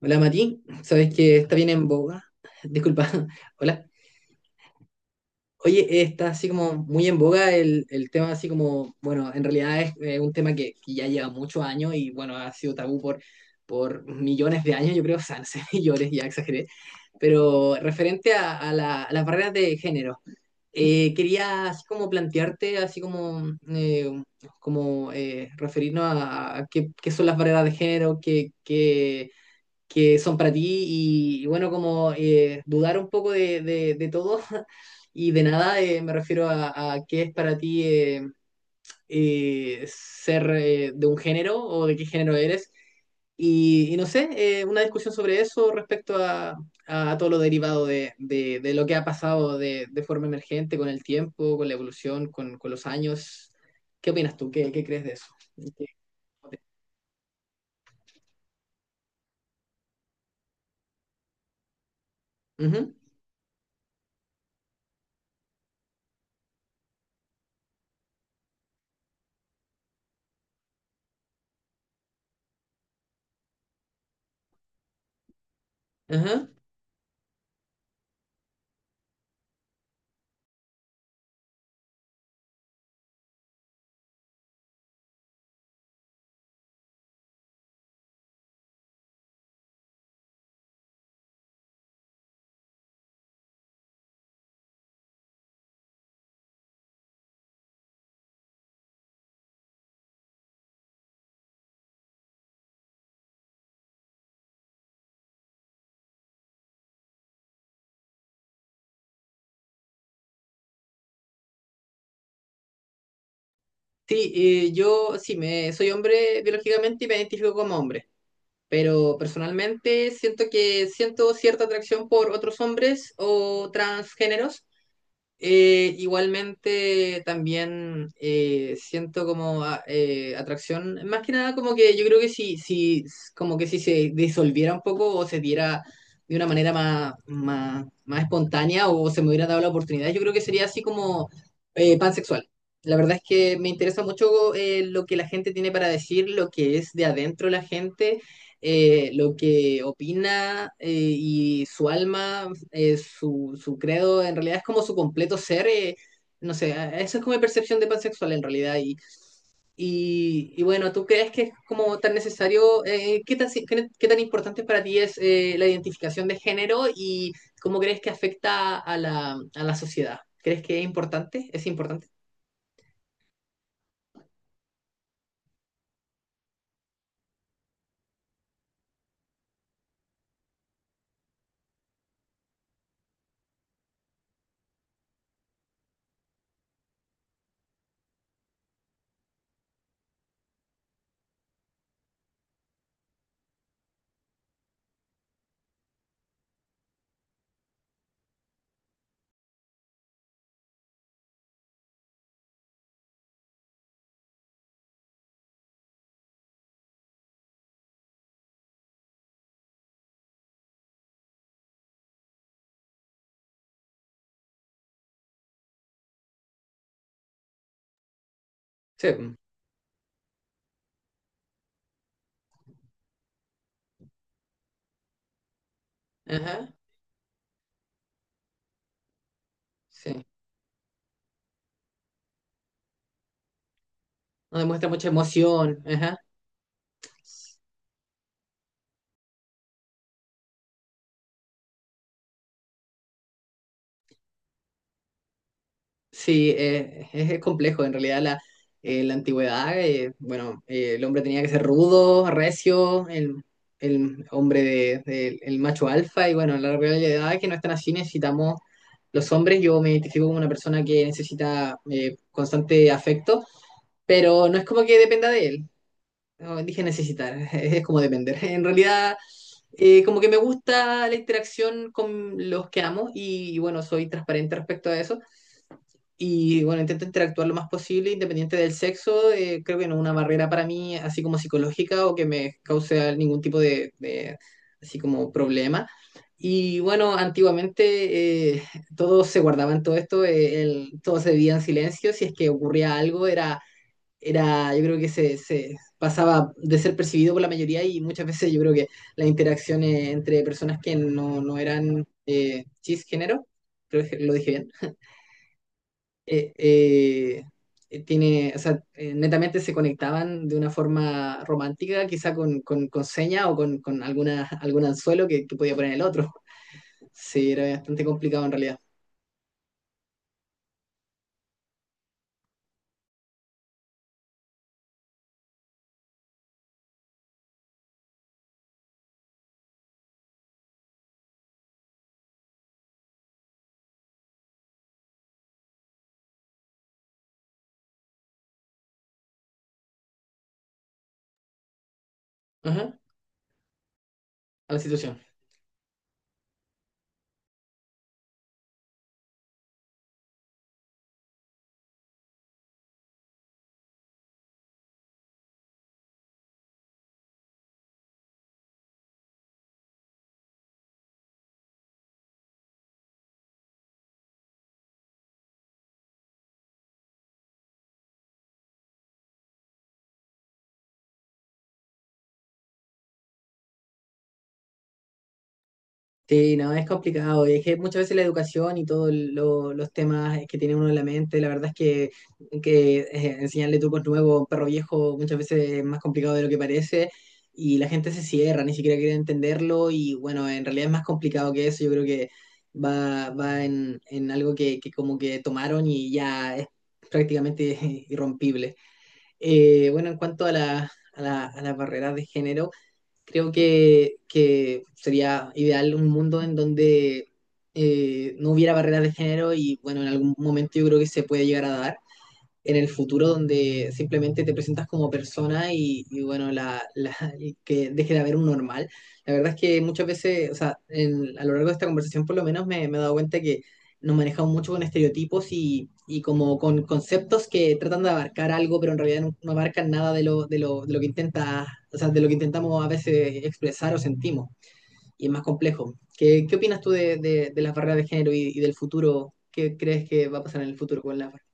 Hola Mati, sabes que está bien en boga. Disculpa, hola. Oye, está así como muy en boga el tema, así como, bueno, en realidad es un tema que ya lleva muchos años y bueno, ha sido tabú por millones de años, yo creo, o sea, no sé, millones, ya exageré, pero referente a, a las barreras de género, quería así como plantearte, así como, referirnos a qué, qué son las barreras de género, que son para ti y bueno, como dudar un poco de todo y de nada, me refiero a qué es para ti ser de un género o de qué género eres. Y no sé, una discusión sobre eso respecto a todo lo derivado de lo que ha pasado de forma emergente con el tiempo, con la evolución, con los años. ¿Qué opinas tú? ¿Qué crees de eso? ¿Qué- Ujú, ajá. Sí, yo sí, me, soy hombre biológicamente y me identifico como hombre, pero personalmente siento que siento cierta atracción por otros hombres o transgéneros, igualmente también siento como atracción, más que nada como que yo creo que como que si se disolviera un poco o se diera de una manera más espontánea o se me hubiera dado la oportunidad, yo creo que sería así como pansexual. La verdad es que me interesa mucho lo que la gente tiene para decir, lo que es de adentro la gente lo que opina y su alma, su credo, en realidad es como su completo ser. No sé, a- esa es como mi percepción de pansexual en realidad. Y bueno, ¿tú crees que es como tan necesario? ¿Qué tan, si- qué tan importante para ti es la identificación de género y cómo crees que afecta a a la sociedad? ¿Crees que es importante? ¿Es importante? Sí. Ajá. Sí. No demuestra mucha emoción. Ajá. Sí, es complejo. En realidad, la antigüedad, bueno, el hombre tenía que ser rudo, recio, el hombre de- el macho alfa, y bueno, la realidad es que no están así. Necesitamos los hombres. Yo me identifico como una persona que necesita constante afecto, pero no es como que dependa de él. No, dije necesitar, es como depender. En realidad, como que me gusta la interacción con los que amo, y bueno, soy transparente respecto a eso. Y bueno, intento interactuar lo más posible, independiente del sexo. Creo que no es una barrera para mí, así como psicológica o que me cause ningún tipo de así como problema. Y bueno, antiguamente todo se guardaban todo esto, el- todo se vivía en silencio. Si es que ocurría algo, yo creo que se pasaba de ser percibido por la mayoría y muchas veces yo creo que las interacciones entre personas que no eran cisgénero, creo que lo dije bien eh, eh, tiene, o sea, netamente se conectaban de una forma romántica, quizá con seña o con alguna, algún anzuelo que podía poner el otro. Sí, era bastante complicado en realidad. Ajá, a la situación. Sí, no, es complicado. Es que muchas veces la educación y todos los temas que tiene uno en la mente, la verdad es que enseñarle trucos nuevos a un perro viejo muchas veces es más complicado de lo que parece y la gente se cierra, ni siquiera quiere entenderlo y bueno, en realidad es más complicado que eso. Yo creo que va en algo que como que tomaron y ya es prácticamente irrompible. Bueno, en cuanto a las barreras de género. Creo que sería ideal un mundo en donde no hubiera barreras de género y bueno, en algún momento yo creo que se puede llegar a dar en el futuro donde simplemente te presentas como persona y bueno, y que deje de haber un normal. La verdad es que muchas veces, o sea, en- a lo largo de esta conversación por lo menos me, me he dado cuenta que nos manejamos mucho con estereotipos y como con conceptos que tratan de abarcar algo, pero en realidad no, no abarcan nada de lo que intenta, o sea, de lo que intentamos a veces expresar o sentimos. Y es más complejo. ¿Qué opinas tú de las barreras de género y del futuro? ¿Qué crees que va a pasar en el futuro con las barreras?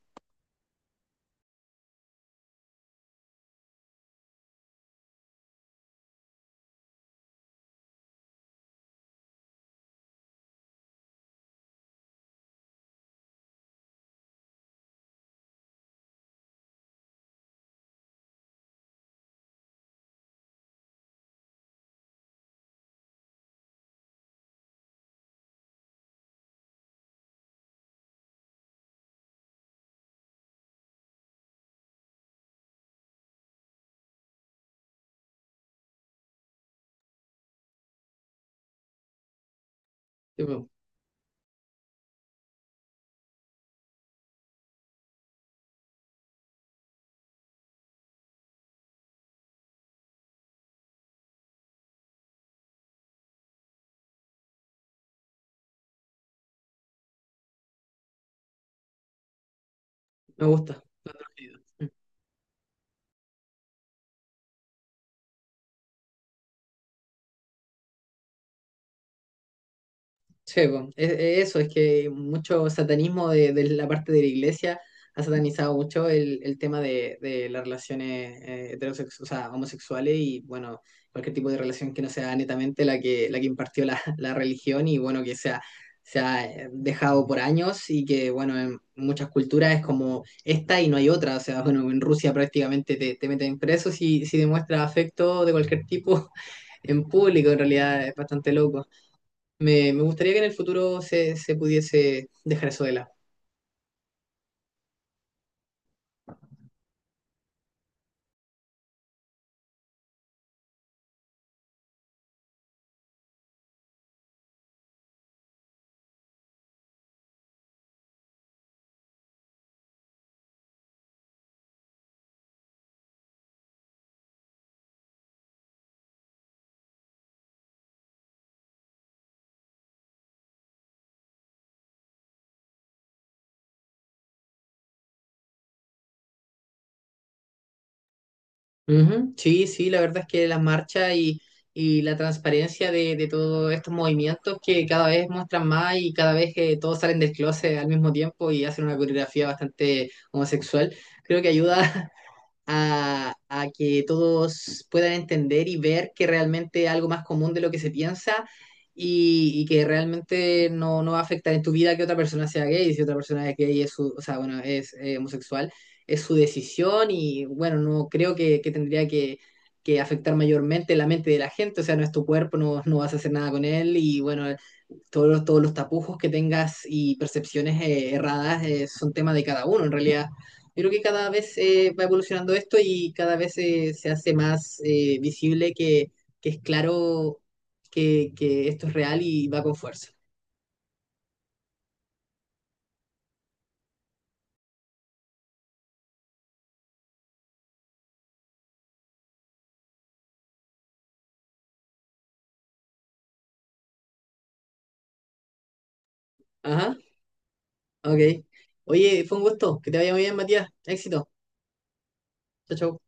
Me gusta. Lo he traído. Sí, po. E- e- eso es que mucho satanismo de la parte de la iglesia ha satanizado mucho el tema de las relaciones heterosexuales, o sea, homosexuales y bueno, cualquier tipo de relación que no sea netamente la que impartió la religión y bueno, que sea, se ha dejado por años y que bueno, en muchas culturas es como esta y no hay otra, o sea, bueno, en Rusia prácticamente te meten preso si demuestras afecto de cualquier tipo en público, en realidad es bastante loco. Me gustaría que en el futuro se pudiese dejar eso de lado. Ujú, sí, sí, la verdad es que las marchas y la transparencia de todos estos movimientos que cada vez muestran más y cada vez que todos salen del closet al mismo tiempo y hacen una coreografía bastante homosexual, creo que ayuda a que todos puedan entender y ver que realmente es algo más común de lo que se piensa y que realmente no va a afectar en tu vida que otra persona sea gay. Si otra persona es gay, es su- o sea, bueno, es homosexual, es su decisión y bueno, no creo que tendría que afectar mayormente la mente de la gente, o sea, no es tu cuerpo, no vas a hacer nada con él y bueno, todos los tapujos que tengas y percepciones erradas son tema de cada uno, en realidad. Yo creo que cada vez va evolucionando esto y cada vez se hace más visible que es claro que esto es real y va con fuerza. Ajá, ok. Oye, fue un gusto. Que te vaya muy bien, Matías. Éxito. Chao, chao.